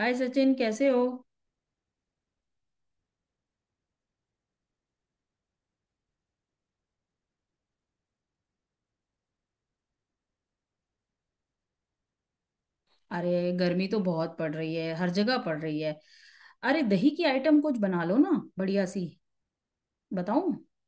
हाय सचिन, कैसे हो। अरे, गर्मी तो बहुत पड़ रही है, हर जगह पड़ रही है। अरे, दही की आइटम कुछ बना लो ना, बढ़िया सी। बताऊं?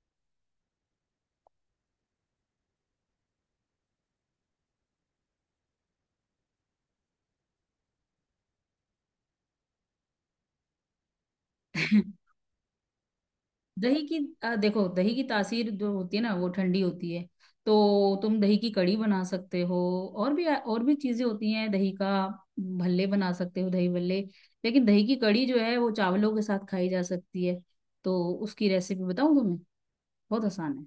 दही की देखो, दही की तासीर जो होती है ना, वो ठंडी होती है। तो तुम दही की कड़ी बना सकते हो। और भी चीजें होती हैं दही का। भल्ले बना सकते हो, दही भल्ले। लेकिन दही की कड़ी जो है वो चावलों के साथ खाई जा सकती है। तो उसकी रेसिपी बताऊं तुम्हें? बहुत आसान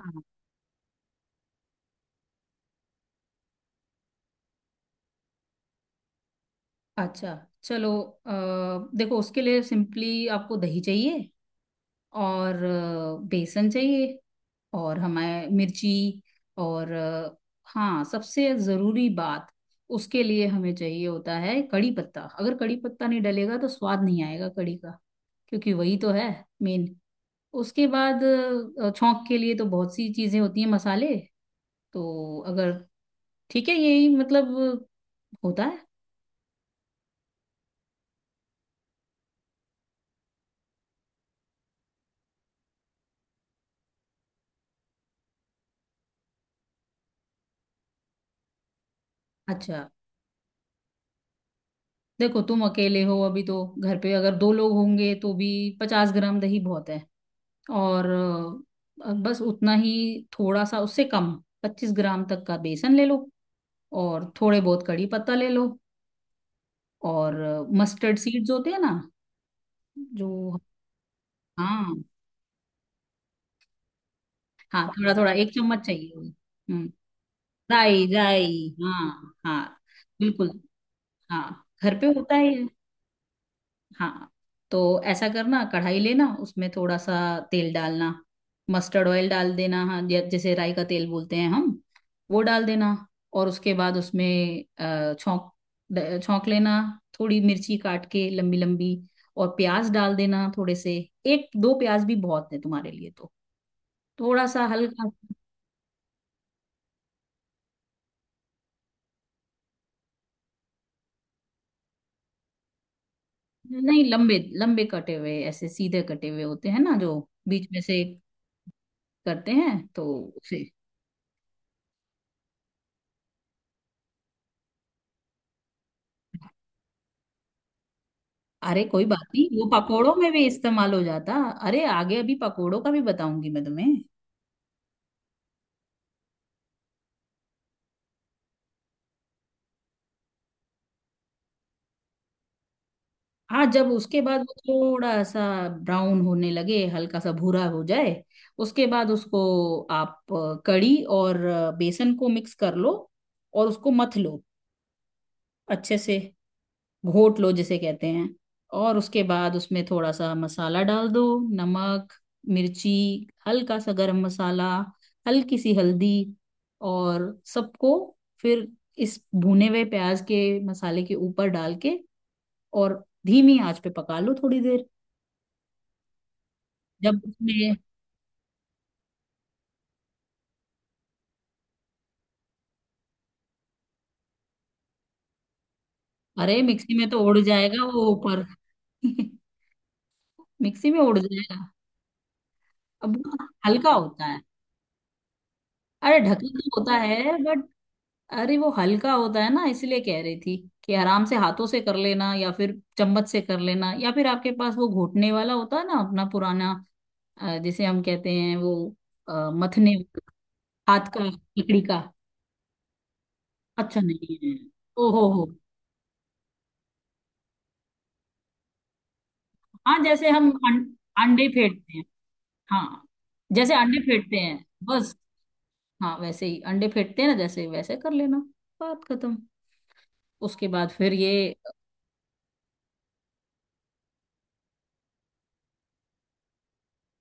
है। अच्छा। चलो, अ, देखो उसके लिए सिंपली आपको दही चाहिए। और बेसन चाहिए। और हमें मिर्ची। और हाँ, सबसे ज़रूरी बात। उसके लिए हमें चाहिए होता है कड़ी पत्ता। अगर कड़ी पत्ता नहीं डलेगा तो स्वाद नहीं आएगा कड़ी का। क्योंकि वही तो है मेन। उसके बाद छौंक के लिए तो बहुत सी चीज़ें होती हैं, मसाले। तो अगर ठीक है, यही मतलब होता है। अच्छा। देखो, तुम अकेले हो अभी तो घर पे, अगर दो लोग होंगे तो भी 50 ग्राम दही बहुत है। और बस उतना ही, थोड़ा सा उससे कम। 25 ग्राम तक का बेसन ले लो। और थोड़े बहुत कड़ी पत्ता ले लो। और मस्टर्ड सीड्स होते हैं ना, जो हाँ हाँ, थोड़ा थोड़ा एक चम्मच चाहिए होगा। हम्म। राई, राई, हाँ हाँ। बिल्कुल। हाँ, घर पे होता है ये। हाँ, तो ऐसा करना, कढ़ाई लेना, उसमें थोड़ा सा तेल डालना। मस्टर्ड ऑयल डाल देना। हाँ, जैसे राई का तेल बोलते हैं हम, वो डाल देना। और उसके बाद उसमें छौंक, छौंक लेना। थोड़ी मिर्ची काट के, लंबी लंबी। और प्याज डाल देना थोड़े से, एक दो प्याज भी बहुत है तुम्हारे लिए तो। थोड़ा सा हल्का। नहीं, लंबे लंबे कटे हुए, ऐसे सीधे कटे हुए होते हैं ना जो बीच में से करते हैं, तो उसे। अरे कोई बात नहीं, वो पकोड़ों में भी इस्तेमाल हो जाता। अरे, आगे अभी पकोड़ों का भी बताऊंगी मैं तुम्हें। हाँ, जब उसके बाद वो थोड़ा सा ब्राउन होने लगे, हल्का सा भूरा हो जाए, उसके बाद उसको आप कड़ी और बेसन को मिक्स कर लो, और उसको मथ लो अच्छे से, घोट लो जिसे कहते हैं। और उसके बाद उसमें थोड़ा सा मसाला डाल दो, नमक, मिर्ची, हल्का सा गरम मसाला, हल्की सी हल्दी, और सबको फिर इस भुने हुए प्याज के मसाले के ऊपर डाल के, और धीमी आंच पे पका लो थोड़ी देर। जब उसमें अरे, मिक्सी में तो उड़ जाएगा वो ऊपर। मिक्सी में उड़ जाएगा। अब वो हल्का होता है। अरे, ढक्कन तो होता है, बट अरे, वो हल्का होता है ना, इसलिए कह रही थी कि आराम से हाथों से कर लेना, या फिर चम्मच से कर लेना, या फिर आपके पास वो घोटने वाला होता है ना अपना पुराना, जिसे हम कहते हैं वो, मथने, हाथ का लकड़ी का। अच्छा, नहीं है। ओ हो हो। हाँ, जैसे हम अंडे फेंटते हैं। हाँ, जैसे अंडे फेंटते हैं, बस। हाँ, वैसे ही अंडे फेंटते हैं ना जैसे, वैसे कर लेना। बात खत्म। उसके बाद फिर ये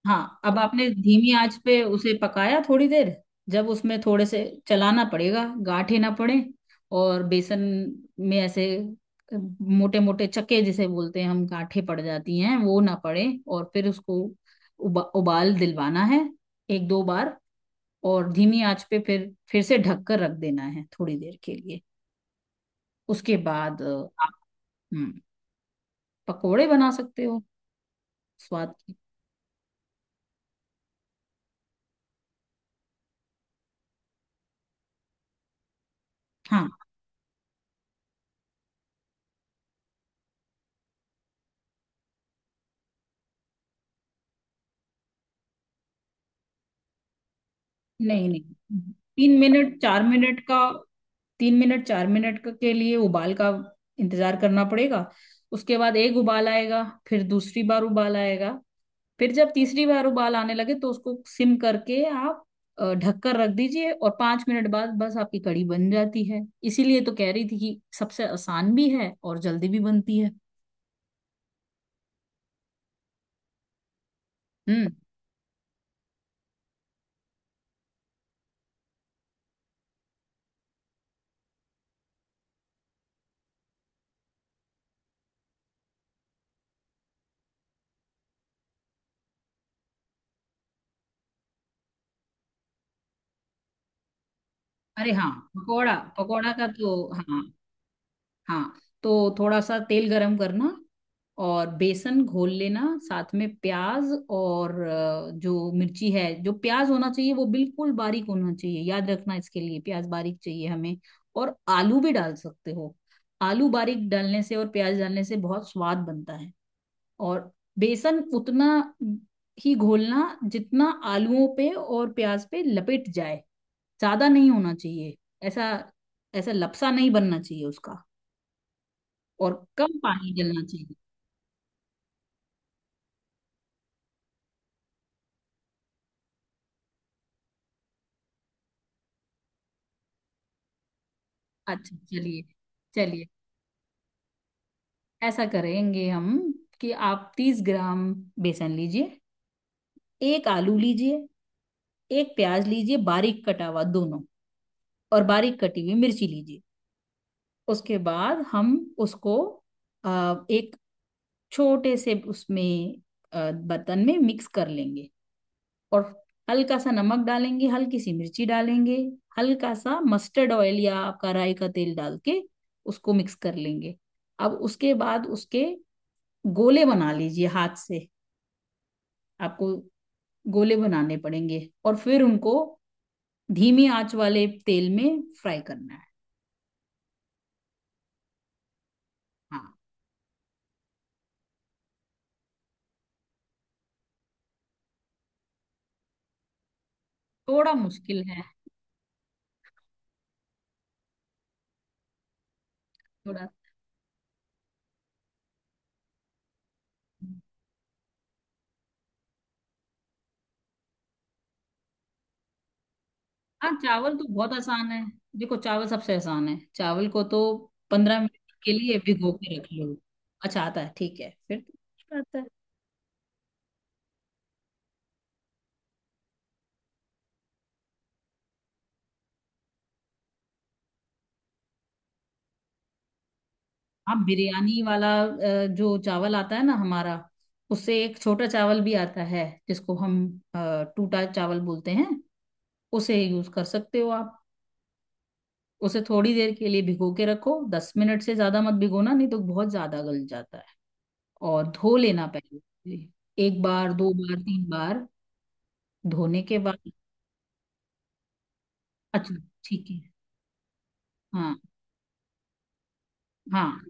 हाँ, अब आपने धीमी आंच पे उसे पकाया थोड़ी देर। जब उसमें थोड़े से चलाना पड़ेगा, गांठें ना पड़े। और बेसन में ऐसे मोटे मोटे चक्के जिसे बोलते हैं हम, गांठें पड़ जाती हैं, वो ना पड़े। और फिर उसको उबाल दिलवाना है, एक दो बार। और धीमी आंच पे फिर से ढक कर रख देना है थोड़ी देर के लिए। उसके बाद आप हम्म, पकोड़े बना सकते हो, स्वाद के। हाँ। नहीं नहीं, 3 मिनट 4 मिनट का, 3 मिनट 4 मिनट के लिए उबाल का इंतजार करना पड़ेगा। उसके बाद एक उबाल आएगा, फिर दूसरी बार उबाल आएगा, फिर जब तीसरी बार उबाल आने लगे तो उसको सिम करके आप ढककर रख दीजिए, और 5 मिनट बाद बस आपकी कढ़ी बन जाती है। इसीलिए तो कह रही थी कि सबसे आसान भी है और जल्दी भी बनती है। हम्म। अरे हाँ, पकोड़ा, पकोड़ा का तो हाँ। हाँ, तो थोड़ा सा तेल गरम करना, और बेसन घोल लेना साथ में प्याज और जो मिर्ची है। जो प्याज होना चाहिए वो बिल्कुल बारीक होना चाहिए, याद रखना, इसके लिए प्याज बारीक चाहिए हमें। और आलू भी डाल सकते हो। आलू बारीक डालने से और प्याज डालने से बहुत स्वाद बनता है। और बेसन उतना ही घोलना जितना आलूओं पे और प्याज पे लपेट जाए, ज्यादा नहीं होना चाहिए। ऐसा, ऐसा लपसा नहीं बनना चाहिए उसका। और कम पानी डलना चाहिए। अच्छा, चलिए, चलिए। ऐसा करेंगे हम कि आप 30 ग्राम बेसन लीजिए, एक आलू लीजिए, एक प्याज लीजिए बारीक कटा हुआ दोनों, और बारीक कटी हुई मिर्ची लीजिए। उसके बाद हम उसको एक छोटे से उसमें बर्तन में मिक्स कर लेंगे, और हल्का सा नमक डालेंगे, हल्की सी मिर्ची डालेंगे, हल्का सा मस्टर्ड ऑयल या आपका राई का तेल डाल के उसको मिक्स कर लेंगे। अब उसके बाद उसके गोले बना लीजिए हाथ से, आपको गोले बनाने पड़ेंगे, और फिर उनको धीमी आंच वाले तेल में फ्राई करना है। हाँ, थोड़ा मुश्किल है थोड़ा। हाँ, चावल तो बहुत आसान है। देखो चावल सबसे आसान है, चावल को तो 15 मिनट के लिए भिगो के रख लो। अच्छा, आता है ठीक है, फिर तो मुश्किल आता है। हाँ, बिरयानी वाला जो चावल आता है ना हमारा, उससे एक छोटा चावल भी आता है जिसको हम टूटा चावल बोलते हैं। उसे यूज कर सकते हो आप। उसे थोड़ी देर के लिए भिगो के रखो, 10 मिनट से ज्यादा मत भिगोना, नहीं तो बहुत ज्यादा गल जाता है। और धो लेना पहले, एक बार, दो बार, तीन बार। धोने के बाद अच्छा, ठीक है, हाँ। हाँ,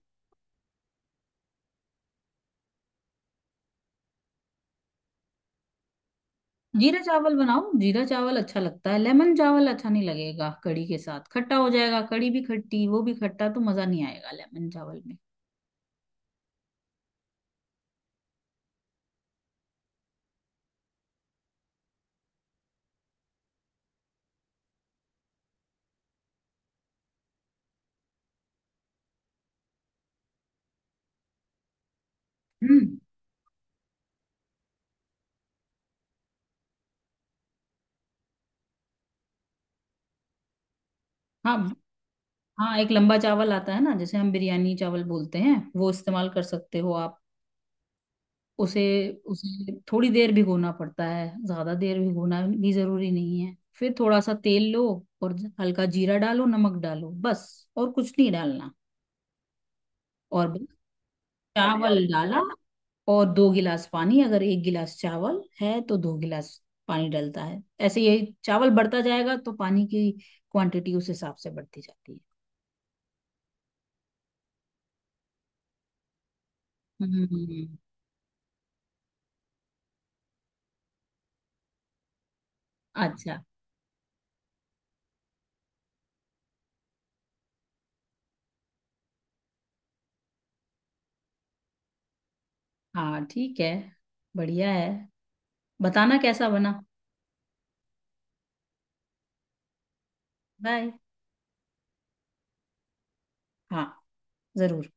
जीरा चावल बनाओ, जीरा चावल अच्छा लगता है। लेमन चावल अच्छा नहीं लगेगा कढ़ी के साथ, खट्टा हो जाएगा, कढ़ी भी खट्टी वो भी खट्टा, तो मजा नहीं आएगा लेमन चावल में। हम्म। हाँ हाँ, एक लंबा चावल आता है ना, जैसे हम बिरयानी चावल बोलते हैं, वो इस्तेमाल कर सकते हो आप। उसे, उसे थोड़ी देर भिगोना पड़ता है, ज्यादा देर भिगोना भी जरूरी नहीं है, फिर थोड़ा सा तेल लो और हल्का जीरा डालो, नमक डालो बस, और कुछ नहीं डालना। और बस, चावल डाला और दो गिलास पानी, अगर एक गिलास चावल है तो दो गिलास पानी डलता है। ऐसे ये चावल बढ़ता जाएगा तो पानी की क्वांटिटी उस हिसाब से बढ़ती जाती है। हम्म। अच्छा। हाँ ठीक है, बढ़िया है। बताना कैसा बना। बाय। हाँ, जरूर।